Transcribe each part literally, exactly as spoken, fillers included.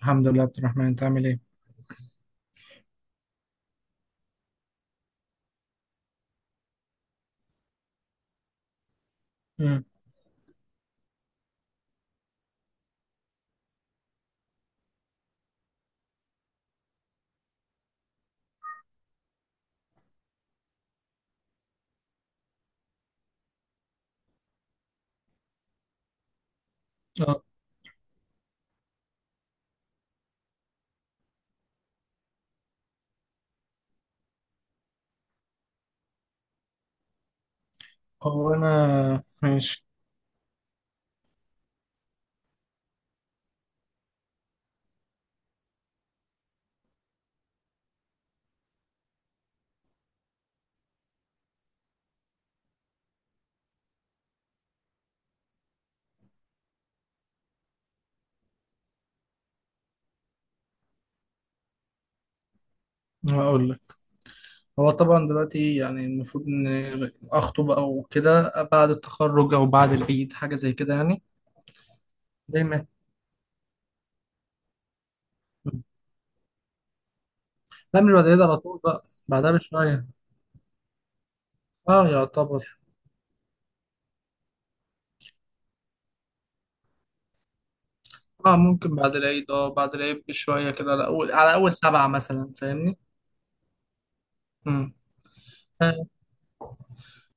الحمد لله عبد الرحمن انت عامل ايه. امم اه هو انا ماشي. هقول لك، هو طبعا دلوقتي يعني المفروض ان اخطب او كده بعد التخرج او بعد العيد حاجه زي كده يعني. زي ما مم. لا مش بعد العيد على طول، بقى بعدها بشويه. اه يعتبر. اه ممكن بعد العيد، اه بعد العيد بشويه كده، على اول على اول سبعه مثلا، فاهمني؟ امم آه،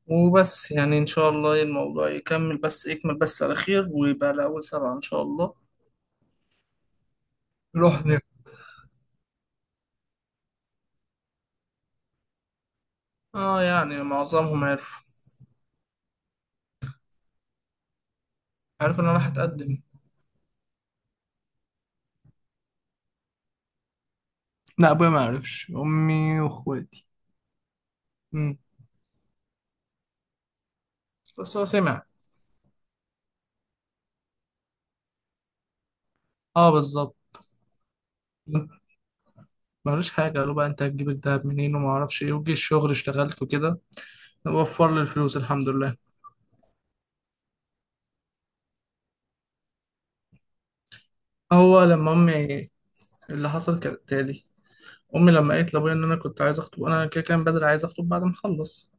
وبس يعني ان شاء الله الموضوع يكمل، بس يكمل بس على خير، ويبقى على اول سبعه ان شاء الله. نروح. اه يعني معظمهم عرفوا. عرف ان انا راح اتقدم. لا ابويا ما عرفش، امي واخواتي. امم بس هو سمع. اه بالظبط. ملوش حاجه، قالوا بقى انت هتجيب الدهب منين وما اعرفش ايه، وجي الشغل اشتغلت وكده، وفر لي الفلوس الحمد لله. هو لما امي، اللي حصل كالتالي، امي لما قالت لابويا ان انا كنت عايز اخطب، انا كده كان بدري عايز اخطب بعد ما اخلص.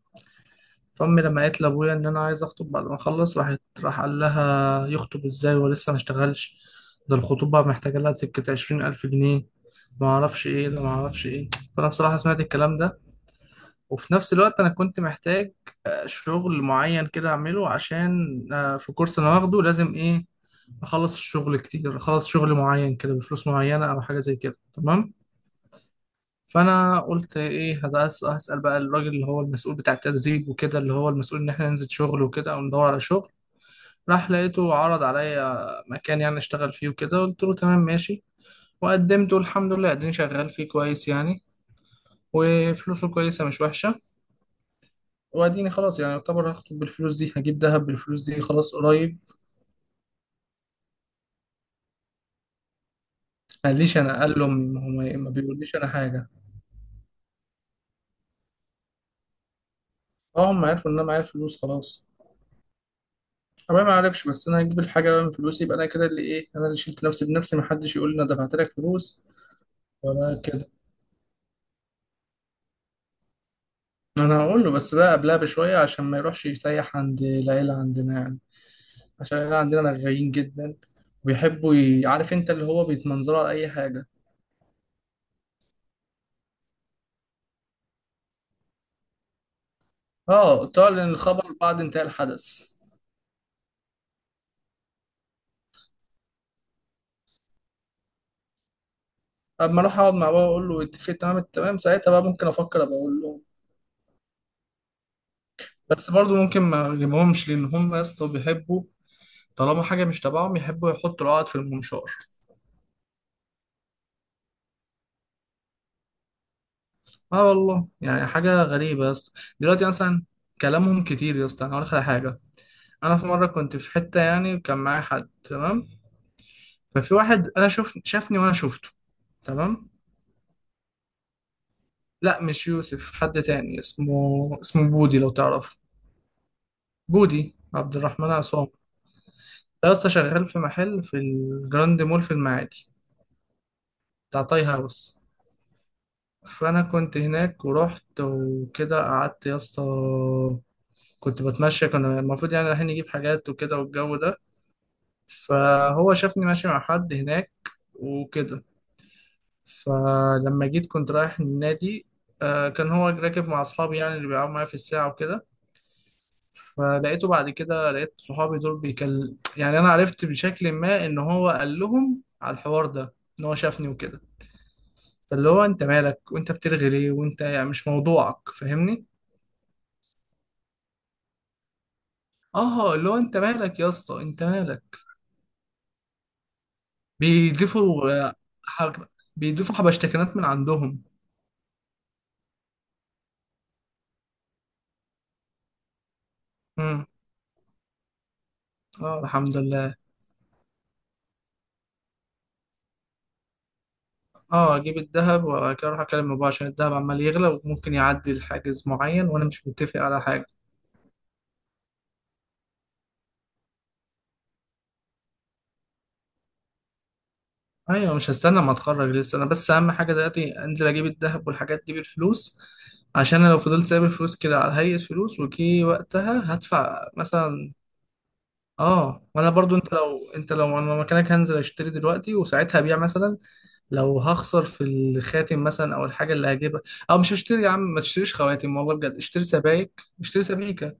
فامي لما قالت لابويا ان انا عايز اخطب بعد ما اخلص، راحت راح قال لها يخطب ازاي ولسه ما اشتغلش، ده الخطوبه محتاجه لها سكه عشرين الف جنيه، ما اعرفش ايه ده ما اعرفش ايه. فانا بصراحه سمعت الكلام ده، وفي نفس الوقت انا كنت محتاج شغل معين كده اعمله، عشان آه، في كورس انا واخده لازم ايه اخلص الشغل كتير، اخلص شغل معين كده بفلوس معينه او حاجه زي كده، تمام. فانا قلت ايه، هس- هسال بقى الراجل اللي هو المسؤول بتاع التدريب وكده، اللي هو المسؤول ان احنا ننزل شغل وكده او ندور على شغل. راح لقيته عرض عليا مكان يعني اشتغل فيه وكده، قلت له تمام ماشي. وقدمته الحمد لله، اديني شغال فيه كويس يعني، وفلوسه كويسه مش وحشه. واديني خلاص يعني يعتبر هخطب بالفلوس دي، هجيب دهب بالفلوس دي، خلاص قريب. ما قاليش انا، قال لهم هم، ما بيقوليش انا حاجه. اه هم عرفوا ان انا معايا فلوس خلاص. أنا ما أعرفش، بس أنا هجيب الحاجة بقى من فلوسي، يبقى أنا كده اللي إيه، أنا اللي شلت نفسي بنفسي، محدش يقول لي أنا دفعت لك فلوس ولا كده. أنا هقول له بس بقى قبلها بشوية، عشان ما يروحش يسيح عند العيلة عندنا يعني. عشان العيلة عندنا رغايين جدا، وبيحبوا ي- عارف أنت اللي هو بيتمنظروا على أي حاجة. أه تعلن الخبر بعد انتهاء الحدث. أما أروح أقعد مع بابا أقول له اتفق تمام التمام، ساعتها بقى ممكن أفكر أبقى أقول له. بس برضه ممكن ما أجيبهمش، لأن هم يا اسطى بيحبوا، طالما حاجة مش تبعهم يحبوا يحطوا العقد في المنشار. اه والله يعني حاجة غريبة يا اسطى. دلوقتي مثلا، كلامهم كتير يا اسطى، انا هقول لك على حاجة. انا في مرة كنت في حتة يعني وكان معايا حد، تمام. ففي واحد انا شوف شافني وانا شفته، تمام. لا مش يوسف، حد تاني، اسمه اسمه بودي لو تعرفه. بودي عبد الرحمن عصام. ده يا اسطى شغال في محل في الجراند مول في المعادي، بتاع تاي هاوس. فانا كنت هناك ورحت وكده قعدت يا اسطى، كنت بتمشى، كنا المفروض يعني رايحين نجيب حاجات وكده والجو ده. فهو شافني ماشي مع حد هناك وكده. فلما جيت كنت رايح النادي، آه، كان هو راكب مع أصحابي يعني اللي بيلعبوا معايا في الساعة وكده. فلقيته بعد كده، لقيت صحابي دول بيكل، يعني أنا عرفت بشكل ما إن هو قال لهم على الحوار ده، إن هو شافني وكده. فاللي هو أنت مالك، وأنت بترغي ليه، وأنت يعني مش موضوعك، فاهمني؟ آه اللي هو أنت مالك يا اسطى، أنت مالك. بيضيفوا آه، حاجة بيضيفوا حبشتكنات من عندهم. امم اه الحمد لله. اه اجيب الذهب وبعد كده اروح اكلم بابا، عشان الذهب عمال يغلى وممكن يعدي لحاجز معين وانا مش متفق على حاجه. ايوه مش هستنى ما اتخرج لسه انا، بس اهم حاجه دلوقتي انزل اجيب الذهب والحاجات دي بالفلوس. عشان انا لو فضلت سايب الفلوس كده على هيئه فلوس وكي، وقتها هدفع مثلا. اه وانا برضو، انت لو انت لو انا مكانك هنزل اشتري دلوقتي، وساعتها ابيع مثلا لو هخسر في الخاتم مثلا او الحاجه اللي هجيبها. او مش هشتري يا عم، ما تشتريش خواتم، والله بجد اشتري سبائك، اشتري سبيكه.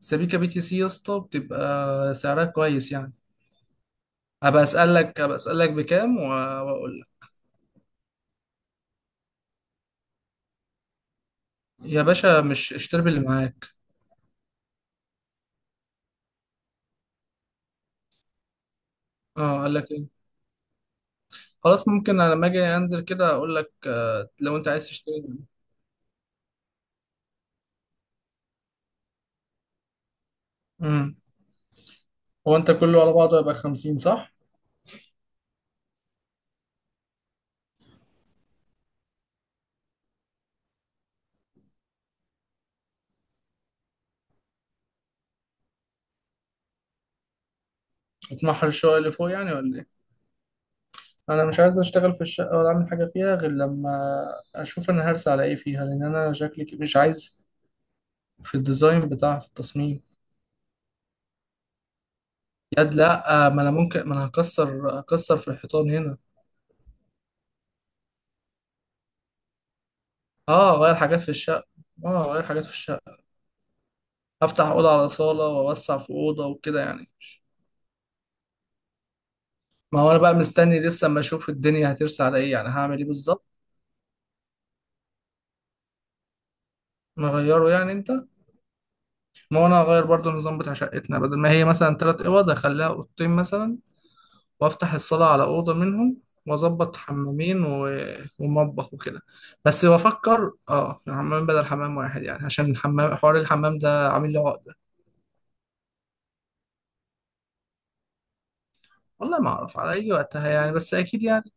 سبيكة بي تي سي يا اسطى، بتبقى سعرها كويس يعني. هبقى اسالك هبقى اسالك بكام و- واقول لك. يا باشا مش اشتري باللي معاك. اه قال لك ايه. خلاص ممكن انا لما اجي انزل كده اقول لك، آه، لو انت عايز تشتري. امم هو انت كله على بعضه يبقى خمسين صح؟ هتمحل الشقه اللي فوق يعني ولا ايه؟ انا مش عايز اشتغل في الشقه ولا اعمل حاجه فيها، غير لما اشوف انا هرسى على ايه فيها، لان انا شكلي ك- مش عايز في الديزاين بتاع، في التصميم. يد لا آه، ما انا ممكن، ما انا هكسر هكسر في الحيطان هنا. اه غير حاجات في الشقة. اه غير حاجات في الشقة. افتح اوضة على صالة واوسع في اوضة وكده يعني مش- ما هو انا بقى مستني لسه اما اشوف الدنيا هترسى على ايه، يعني هعمل ايه بالظبط. نغيره يعني انت. ما هو انا هغير برضو النظام بتاع شقتنا، بدل ما هي مثلا تلات اوض اخليها اوضتين مثلا، وافتح الصالة على اوضة منهم، واظبط حمامين و... ومطبخ وكده. بس بفكر اه حمام بدل حمام واحد يعني، عشان الحمام، حوار الحمام ده عامل لي عقدة. والله ما اعرف على اي وقتها يعني، بس اكيد يعني.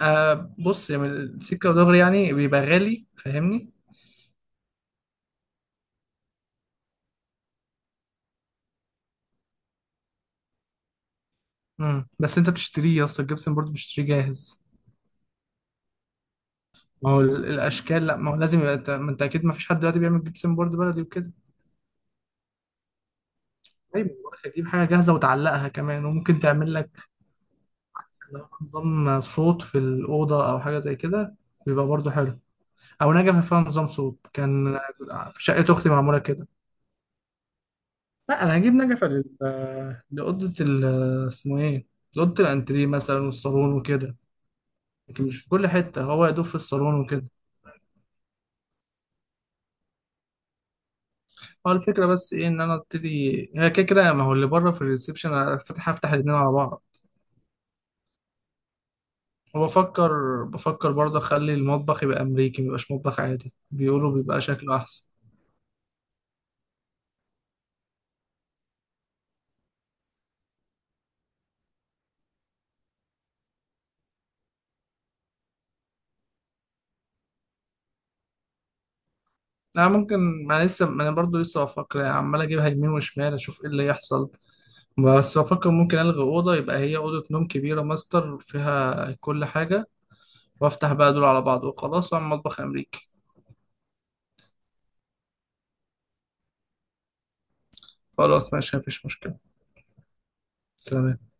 آه بص يعني السكة ودغري يعني بيبقى غالي، فاهمني؟ مم. بس انت بتشتريه يا اسطى الجبسن بورد بتشتريه جاهز. ما هو ال- الاشكال، لا ما هو لازم يبقى، انت ما انت اكيد ما فيش حد دلوقتي بيعمل جبسن بورد بلدي وكده. طيب بقولك هتجيب حاجة جاهزة وتعلقها كمان، وممكن تعمل لك لو نظام صوت في الأوضة أو حاجة زي كده، بيبقى برضه حلو. أو نجفة فيها نظام صوت كان في شقة أختي معمولة كده. لا أنا هجيب نجفة لل- لأوضة ال- اسمه إيه؟ لأوضة الأنتريه مثلا والصالون وكده. لكن مش في كل حتة، هو يا دوب في الصالون وكده. هو الفكرة بس ايه ان انا ابتدي، هي كده كده ما هو اللي بره في الريسبشن أنا هفتح هفتح الاتنين على بعض. وبفكر، بفكر برضه اخلي المطبخ يبقى امريكي، ميبقاش مطبخ عادي، بيقولوا بيبقى شكله احسن. انا ممكن، ما أنا لسه ما انا برضه لسه بفكر يعني، عمال اجيبها يمين وشمال اشوف ايه اللي يحصل. بس بفكر ممكن الغي اوضه، يبقى هي اوضه نوم كبيره ماستر فيها كل حاجه، وافتح بقى دول على بعض وخلاص، واعمل مطبخ امريكي. خلاص ماشي مفيش مشكله. سلام.